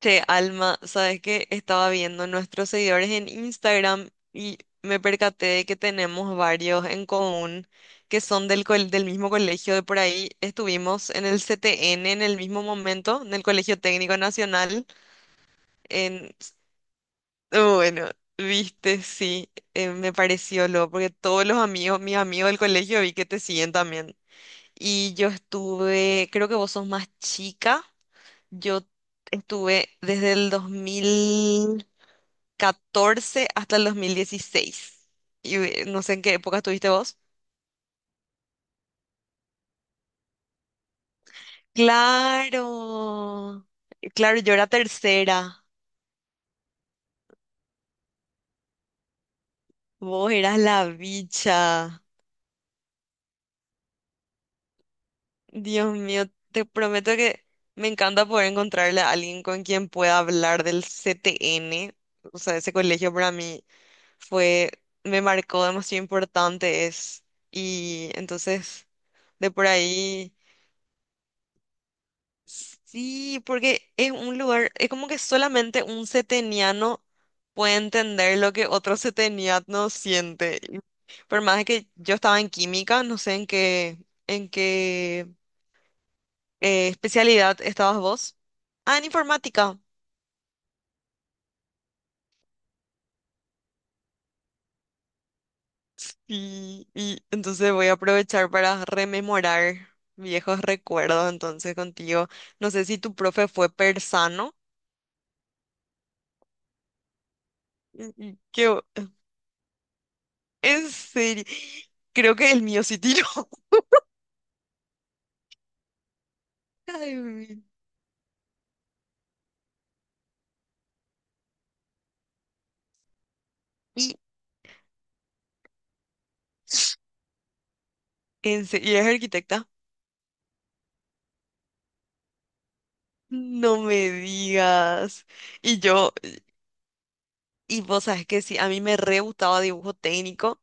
Che, Alma, sabes que estaba viendo nuestros seguidores en Instagram y me percaté de que tenemos varios en común que son del mismo colegio de por ahí. Estuvimos en el CTN en el mismo momento, en el Colegio Técnico Nacional. En... Bueno, viste, sí, me pareció loco, porque todos los amigos, mis amigos del colegio vi que te siguen también. Y yo estuve, creo que vos sos más chica, yo estuve desde el 2000. 14 hasta el 2016. Y no sé en qué época estuviste vos. Claro, claro, yo era tercera. Vos eras la bicha. Dios mío, te prometo que me encanta poder encontrarle a alguien con quien pueda hablar del CTN. O sea, ese colegio para mí fue, me marcó demasiado importante es. Y entonces, de por ahí. Sí, porque es un lugar, es como que solamente un seteniano puede entender lo que otro seteniano siente. Y por más que yo estaba en química, no sé en qué especialidad estabas vos. Ah, en informática. Y entonces voy a aprovechar para rememorar viejos recuerdos entonces contigo. No sé si tu profe fue persano. Que, en serio, creo que el mío sí tiró. Ay, mi- y, ¿y es arquitecta? No me digas. Y yo, y vos sabes que sí, a mí me re gustaba dibujo técnico,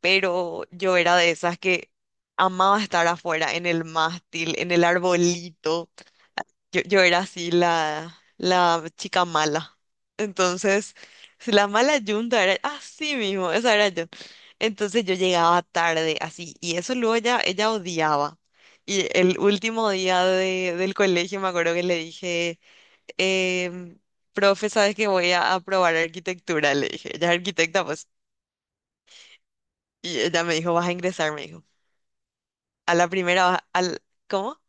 pero yo era de esas que amaba estar afuera, en el mástil, en el arbolito. Yo era así la chica mala. Entonces, si la mala yunta era así mismo, esa era yo. Entonces yo llegaba tarde así y eso luego ella odiaba. Y el último día del colegio me acuerdo que le dije, em, profe, ¿sabes que voy a aprobar arquitectura? Le dije, ella es arquitecta, pues. Y ella me dijo, vas a ingresar, me dijo. A la primera, vas, al, ¿cómo?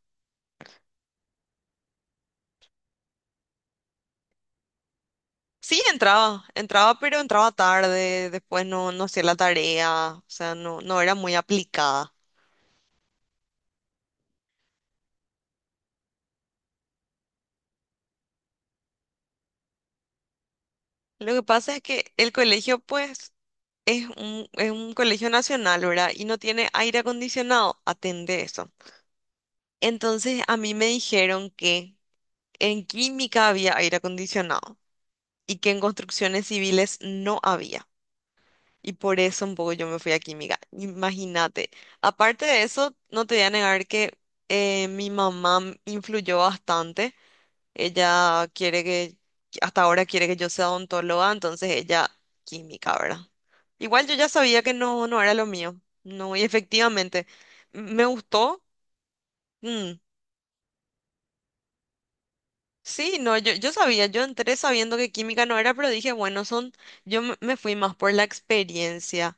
Sí, entraba, entraba, pero entraba tarde, después no, no hacía la tarea, o sea, no, no era muy aplicada. Lo que pasa es que el colegio, pues, es un colegio nacional, ¿verdad? Y no tiene aire acondicionado, atende eso. Entonces, a mí me dijeron que en química había aire acondicionado y que en construcciones civiles no había. Y por eso un poco yo me fui a química. Imagínate. Aparte de eso, no te voy a negar que mi mamá influyó bastante. Ella quiere que, hasta ahora quiere que yo sea odontóloga, entonces ella química, ¿verdad? Igual yo ya sabía que no, no era lo mío. No, y efectivamente, me gustó. Mm, sí, no, yo sabía, yo entré sabiendo que química no era, pero dije, bueno, son, yo me fui más por la experiencia.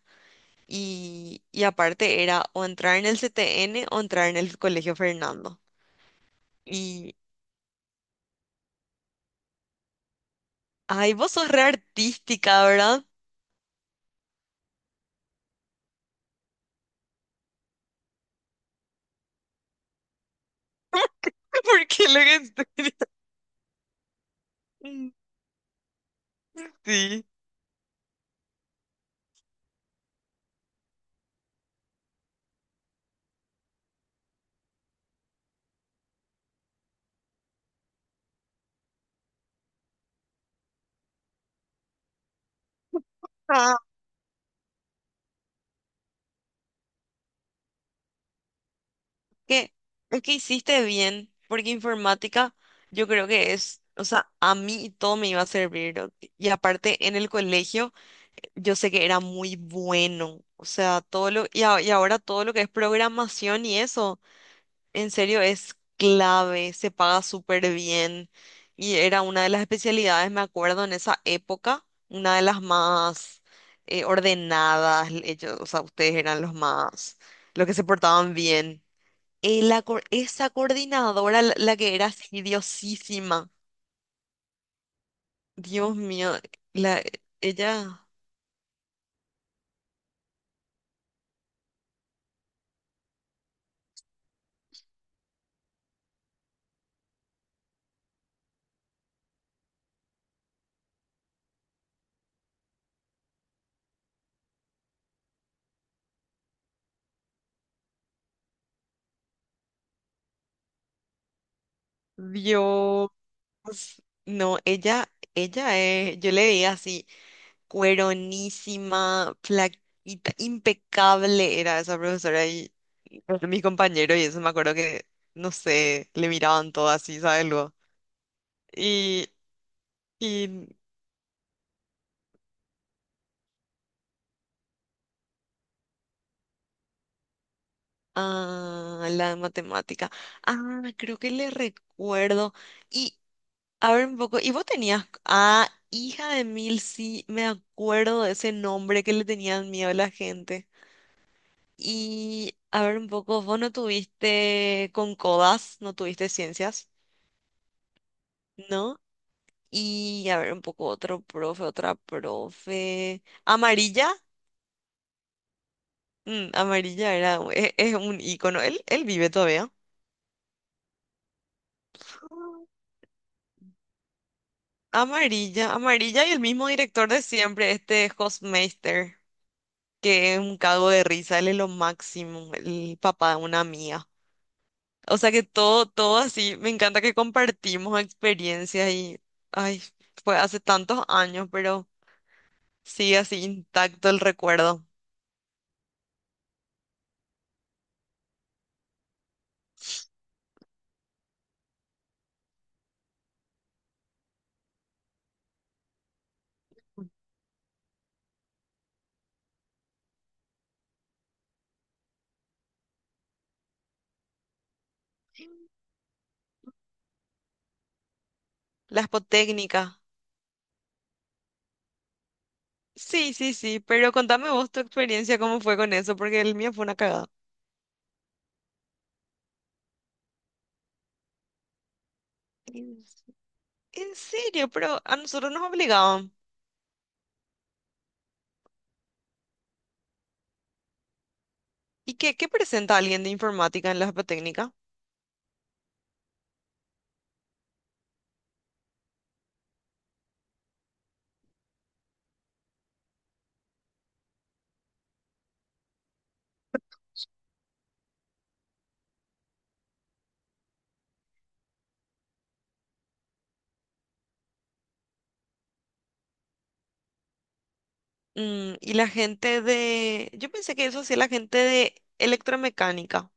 Y aparte era o entrar en el CTN o entrar en el Colegio Fernando. Y, ay, vos sos re artística, ¿verdad? Porque lo que estoy... Sí. Ah, que, es que hiciste bien, porque informática yo creo que es, o sea, a mí todo me iba a servir, ¿no? Y aparte en el colegio yo sé que era muy bueno, o sea, todo lo, y ahora todo lo que es programación y eso. En serio, es clave, se paga súper bien. Y era una de las especialidades, me acuerdo, en esa época, una de las más ordenadas. Ellos, o sea, ustedes eran los más, los que se portaban bien. Esa coordinadora, la que era así, diosísima. Dios mío, la, ella, Dios, no, ella es, yo le veía así. Cueronísima, flaquita, impecable era esa profesora y mis compañeros y eso me acuerdo que, no sé, le miraban todo así, ¿sabes luego? Y, y ah, la de matemática. Ah, creo que le recuerdo. Y a ver un poco, y vos tenías, ah, hija de mil, sí, me acuerdo de ese nombre que le tenían miedo a la gente. Y a ver un poco, vos no tuviste con codas, no tuviste ciencias, ¿no? Y a ver, un poco otro profe, otra profe. Amarilla, amarilla era, es un ícono, él vive todavía. Amarilla, amarilla y el mismo director de siempre, este Hofmeister, que es un cago de risa, él es lo máximo, el papá de una amiga. O sea que todo, todo así, me encanta que compartimos experiencias y, ay, fue hace tantos años, pero sigue así intacto el recuerdo. La espotécnica. Sí, sí, sí, pero contame vos tu experiencia, cómo fue con eso, porque el mío fue una cagada. En en serio, pero a nosotros nos obligaban. ¿Y qué, qué presenta alguien de informática en la apatécnica? Mm, y la gente de... Yo pensé que eso hacía la gente de electromecánica.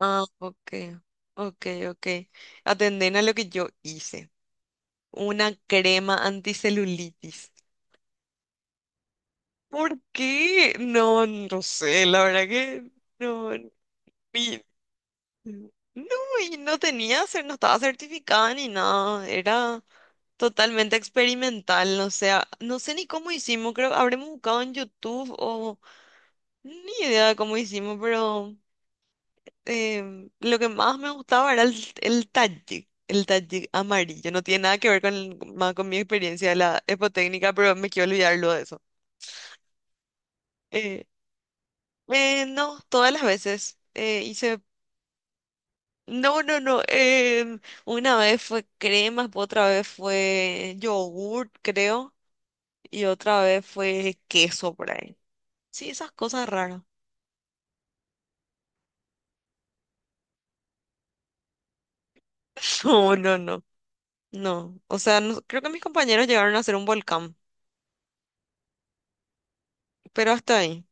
Ah, ok, ok, ok. Atenden a lo que yo hice. Una crema anticelulitis. ¿Por qué? No, no sé, la verdad que no. Mm. No, y no tenía, no estaba certificada ni nada, era totalmente experimental, no sé, no sé ni cómo hicimos, creo que habremos buscado en YouTube o ni idea de cómo hicimos, pero lo que más me gustaba era el talle amarillo, no tiene nada que ver con, más con mi experiencia de la epotécnica, pero me quiero olvidarlo de eso. Eh, no, todas las veces hice. No, no, no. Una vez fue crema, otra vez fue yogurt, creo, y otra vez fue queso por ahí. Sí, esas cosas raras. No, no, no. No. O sea, no- creo que mis compañeros llegaron a hacer un volcán, pero hasta ahí,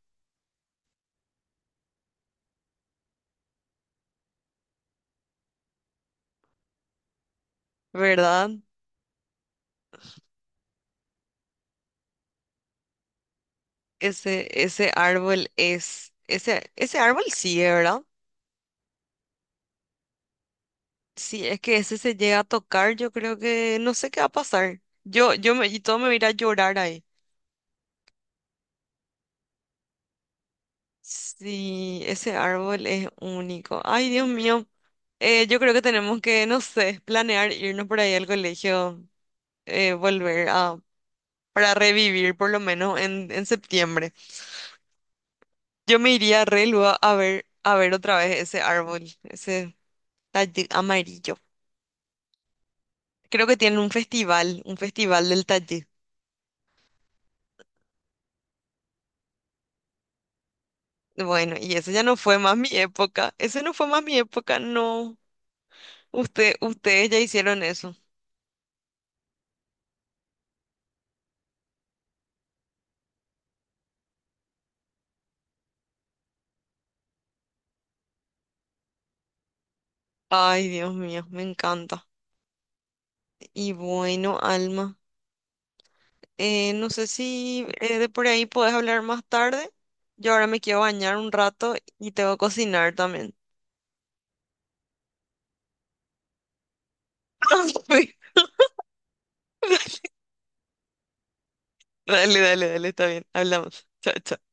¿verdad? Ese árbol es, ese árbol sí, ¿eh? ¿Verdad? Si es que ese se llega a tocar, yo creo que no sé qué va a pasar. Y todo me va a ir a llorar ahí. Sí, ese árbol es único. Ay, Dios mío. Yo creo que tenemos que, no sé, planear irnos por ahí al colegio, volver a, para revivir por lo menos en septiembre. Yo me iría a Relua a ver otra vez ese árbol, ese tallí amarillo. Creo que tienen un festival del tallí. Bueno, y eso ya no fue más mi época. Ese no fue más mi época, no. Ustedes ya hicieron eso. Ay, Dios mío, me encanta. Y bueno, Alma, no sé si de por ahí podés hablar más tarde. Yo ahora me quiero bañar un rato y tengo que cocinar también. Dale, dale, dale, está bien. Hablamos. Chao, chao.